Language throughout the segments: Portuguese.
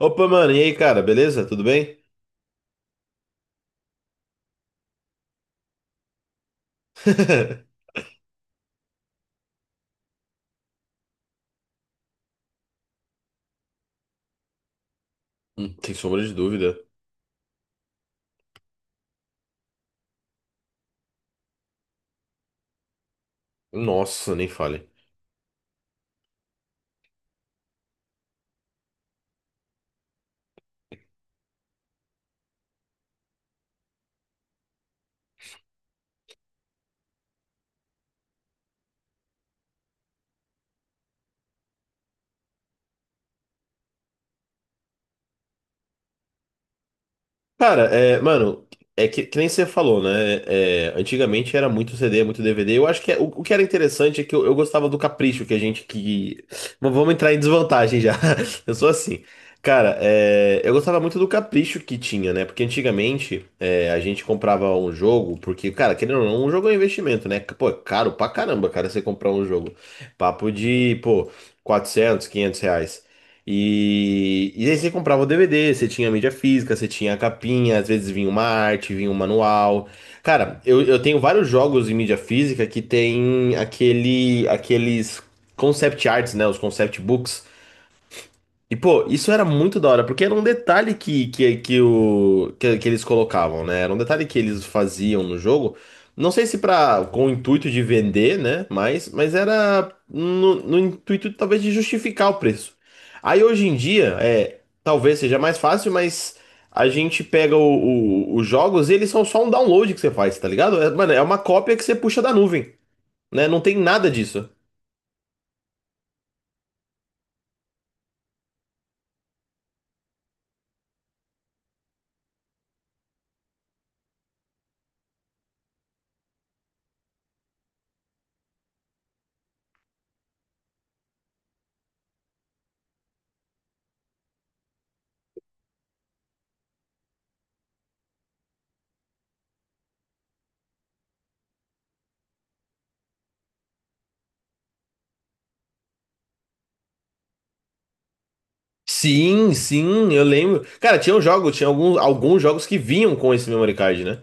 Opa, mano, e aí, cara, beleza? Tudo bem? Sem sombra de dúvida. Nossa, nem fale. Cara, mano, é que nem você falou, né? Antigamente era muito CD, muito DVD. Eu acho que o que era interessante é que eu gostava do capricho que a gente que. Mas vamos entrar em desvantagem já. Eu sou assim. Cara, eu gostava muito do capricho que tinha, né? Porque antigamente a gente comprava um jogo, porque, cara, querendo ou não, um jogo é um investimento, né? Pô, é caro pra caramba, cara, você comprar um jogo. Papo de, pô, 400 500 reais. E aí você comprava o DVD, você tinha a mídia física, você tinha a capinha, às vezes vinha uma arte, vinha um manual. Cara, eu tenho vários jogos em mídia física que tem aqueles concept arts, né? Os concept books. E, pô, isso era muito da hora, porque era um detalhe que eles colocavam, né? Era um detalhe que eles faziam no jogo. Não sei se pra, com o intuito de vender, né? Mas era no intuito, talvez, de justificar o preço. Aí, hoje em dia, talvez seja mais fácil, mas a gente pega os jogos e eles são só um download que você faz, tá ligado? É, mano, é uma cópia que você puxa da nuvem, né? Não tem nada disso. Sim, sim, eu lembro. Cara, tinha um jogo, tinha alguns jogos que vinham com esse memory card, né?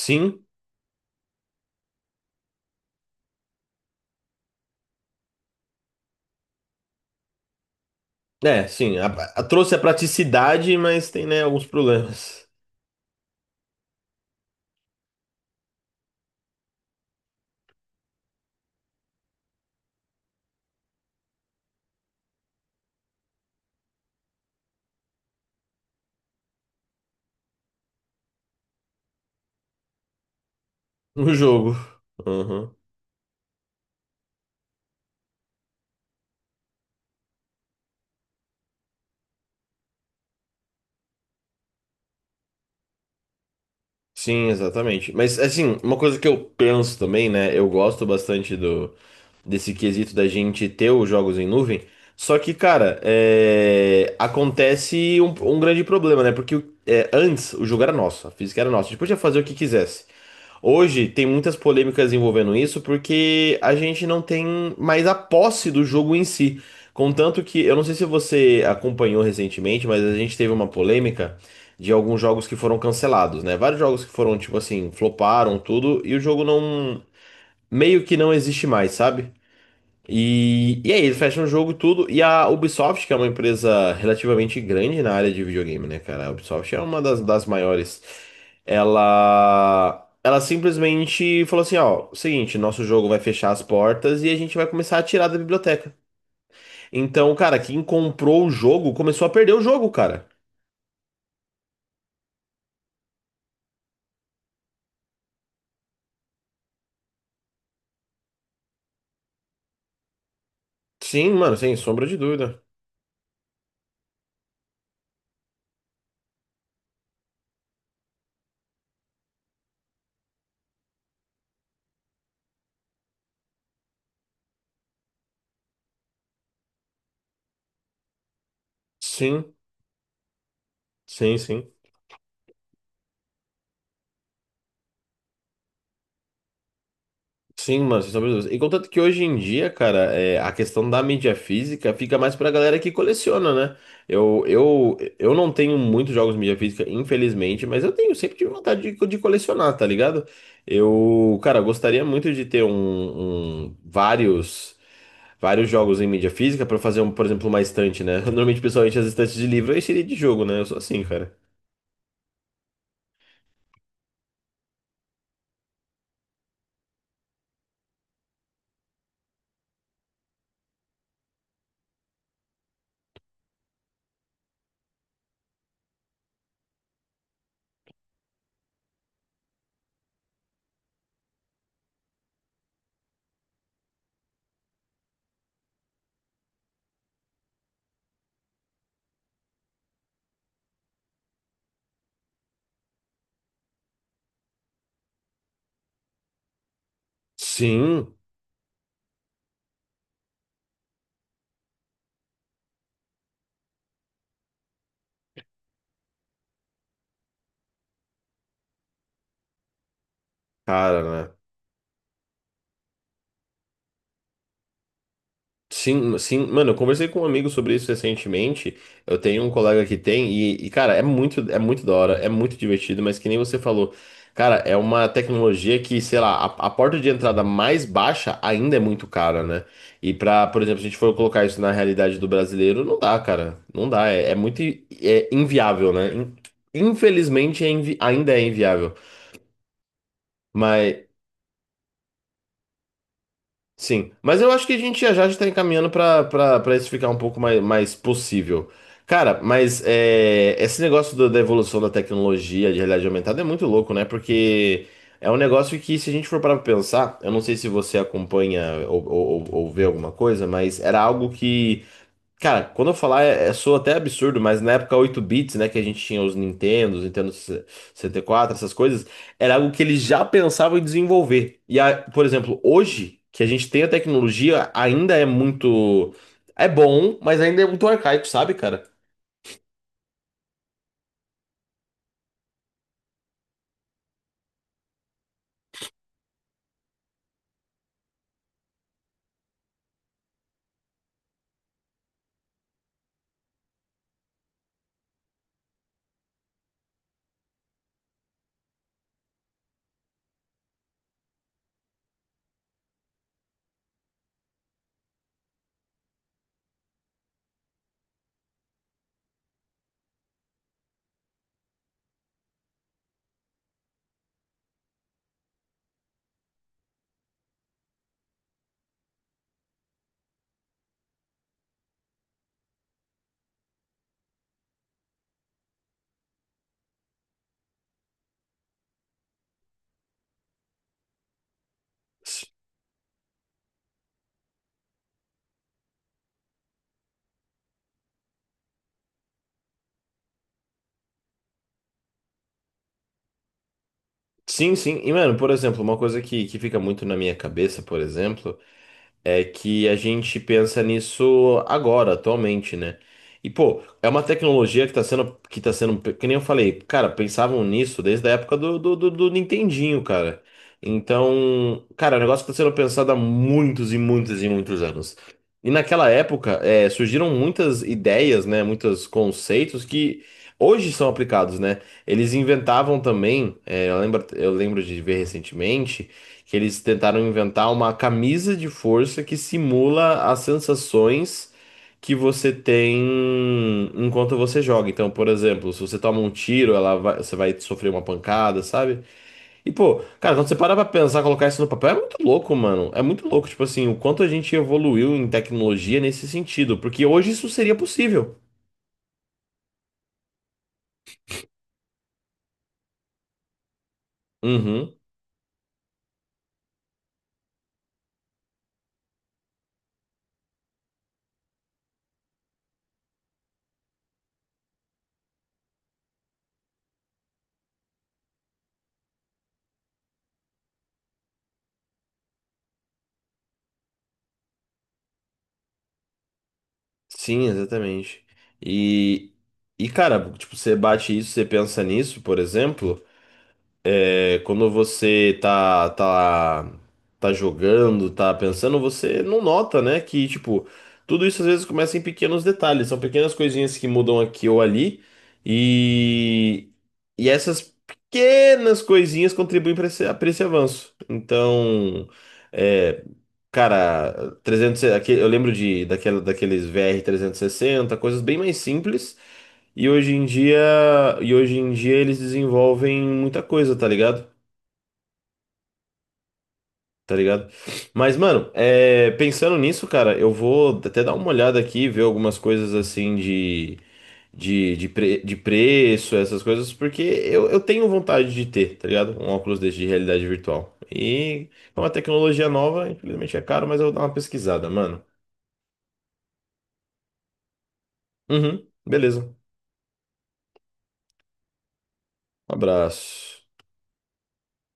Sim, é, sim. Trouxe a praticidade, mas tem, né, alguns problemas no jogo. Sim, exatamente. Mas assim, uma coisa que eu penso também, né? Eu gosto bastante do desse quesito da gente ter os jogos em nuvem. Só que, cara, acontece um grande problema, né? Porque antes o jogo era nosso, a física era nossa, a gente podia fazer o que quisesse. Hoje tem muitas polêmicas envolvendo isso porque a gente não tem mais a posse do jogo em si. Contanto que, eu não sei se você acompanhou recentemente, mas a gente teve uma polêmica de alguns jogos que foram cancelados, né? Vários jogos que foram, tipo assim, floparam tudo e o jogo não, meio que não existe mais, sabe? E aí, eles fecham o jogo e tudo. E a Ubisoft, que é uma empresa relativamente grande na área de videogame, né, cara? A Ubisoft é uma das maiores. Ela simplesmente falou assim: ó, seguinte, nosso jogo vai fechar as portas e a gente vai começar a tirar da biblioteca. Então, cara, quem comprou o jogo começou a perder o jogo, cara. Sim, mano, sem sombra de dúvida. Sim. Sim, sim. Sim, mano, sem sombra de dúvidas. E contanto que hoje em dia, cara, a questão da mídia física fica mais pra galera que coleciona, né? Eu não tenho muitos jogos de mídia física, infelizmente, mas eu tenho, sempre tive vontade de colecionar, tá ligado? Eu, cara, gostaria muito de ter vários, vários jogos em mídia física pra fazer, um, por exemplo, uma estante, né? Normalmente, pessoalmente, as estantes de livro eu encheria de jogo, né? Eu sou assim, cara. Sim, cara, né? Sim, sim, mano, eu conversei com um amigo sobre isso recentemente. Eu tenho um colega que tem, e, cara, é muito da hora, é muito divertido, mas que nem você falou, cara, é uma tecnologia que, sei lá, a porta de entrada mais baixa ainda é muito cara, né? E pra, por exemplo, se a gente for colocar isso na realidade do brasileiro, não dá, cara. Não dá, é muito é inviável, né? Infelizmente é ainda é inviável. Mas. Sim, mas eu acho que a gente já está encaminhando para isso ficar um pouco mais, mais possível. Cara, mas é, esse negócio da evolução da tecnologia de realidade aumentada é muito louco, né? Porque é um negócio que, se a gente for parar para pensar, eu não sei se você acompanha ou vê alguma coisa, mas era algo que cara, quando eu falar, soa até absurdo, mas na época 8 bits, né, que a gente tinha os Nintendos, Nintendo 64 essas coisas, era algo que eles já pensavam em desenvolver. A- por exemplo, hoje, que a gente tem a tecnologia, ainda é muito. É bom, mas ainda é muito arcaico, sabe, cara? S- Sim, sim. E, mano, por exemplo, uma coisa que fica muito na minha cabeça, por exemplo. É que a gente pensa nisso agora, atualmente, né? E, pô, é uma tecnologia que tá sendo, que nem eu falei, cara, pensavam nisso desde a época do Nintendinho, cara. Então, cara, é um negócio que tá sendo pensado há muitos e muitos e muitos anos. E naquela época, é, surgiram muitas ideias, né? Muitos conceitos que hoje são aplicados, né? Eles inventavam também, é, eu lembro de ver recentemente que eles tentaram inventar uma camisa de força que simula as sensações que você tem enquanto você joga. Então, por exemplo, se você toma um tiro, você vai sofrer uma pancada, sabe? E pô, cara, quando você para pra pensar, colocar isso no papel, é muito louco, mano. É muito louco, tipo assim, o quanto a gente evoluiu em tecnologia nesse sentido, porque hoje isso seria possível. Uhum. Sim, exatamente. E e, cara, tipo, você bate isso, você pensa nisso, por exemplo, é, quando você tá jogando, tá pensando, você não nota, né? Que, tipo, tudo isso às vezes começa em pequenos detalhes, são pequenas coisinhas que mudam aqui ou ali, e, e essas pequenas coisinhas contribuem para pra esse avanço. Então, é, cara, eu lembro de, daquela, daqueles VR 60 coisas bem mais simples. E hoje em dia, e hoje em dia eles desenvolvem muita coisa, tá ligado? Tá ligado? Mas, mano, é, pensando nisso, cara, eu vou até dar uma olhada aqui, ver algumas coisas assim de preço, essas coisas, porque eu tenho vontade de ter, tá ligado? Um óculos desse de realidade virtual. E é uma tecnologia nova, infelizmente é caro, mas eu vou dar uma pesquisada, mano. Uhum, beleza. Um abraço.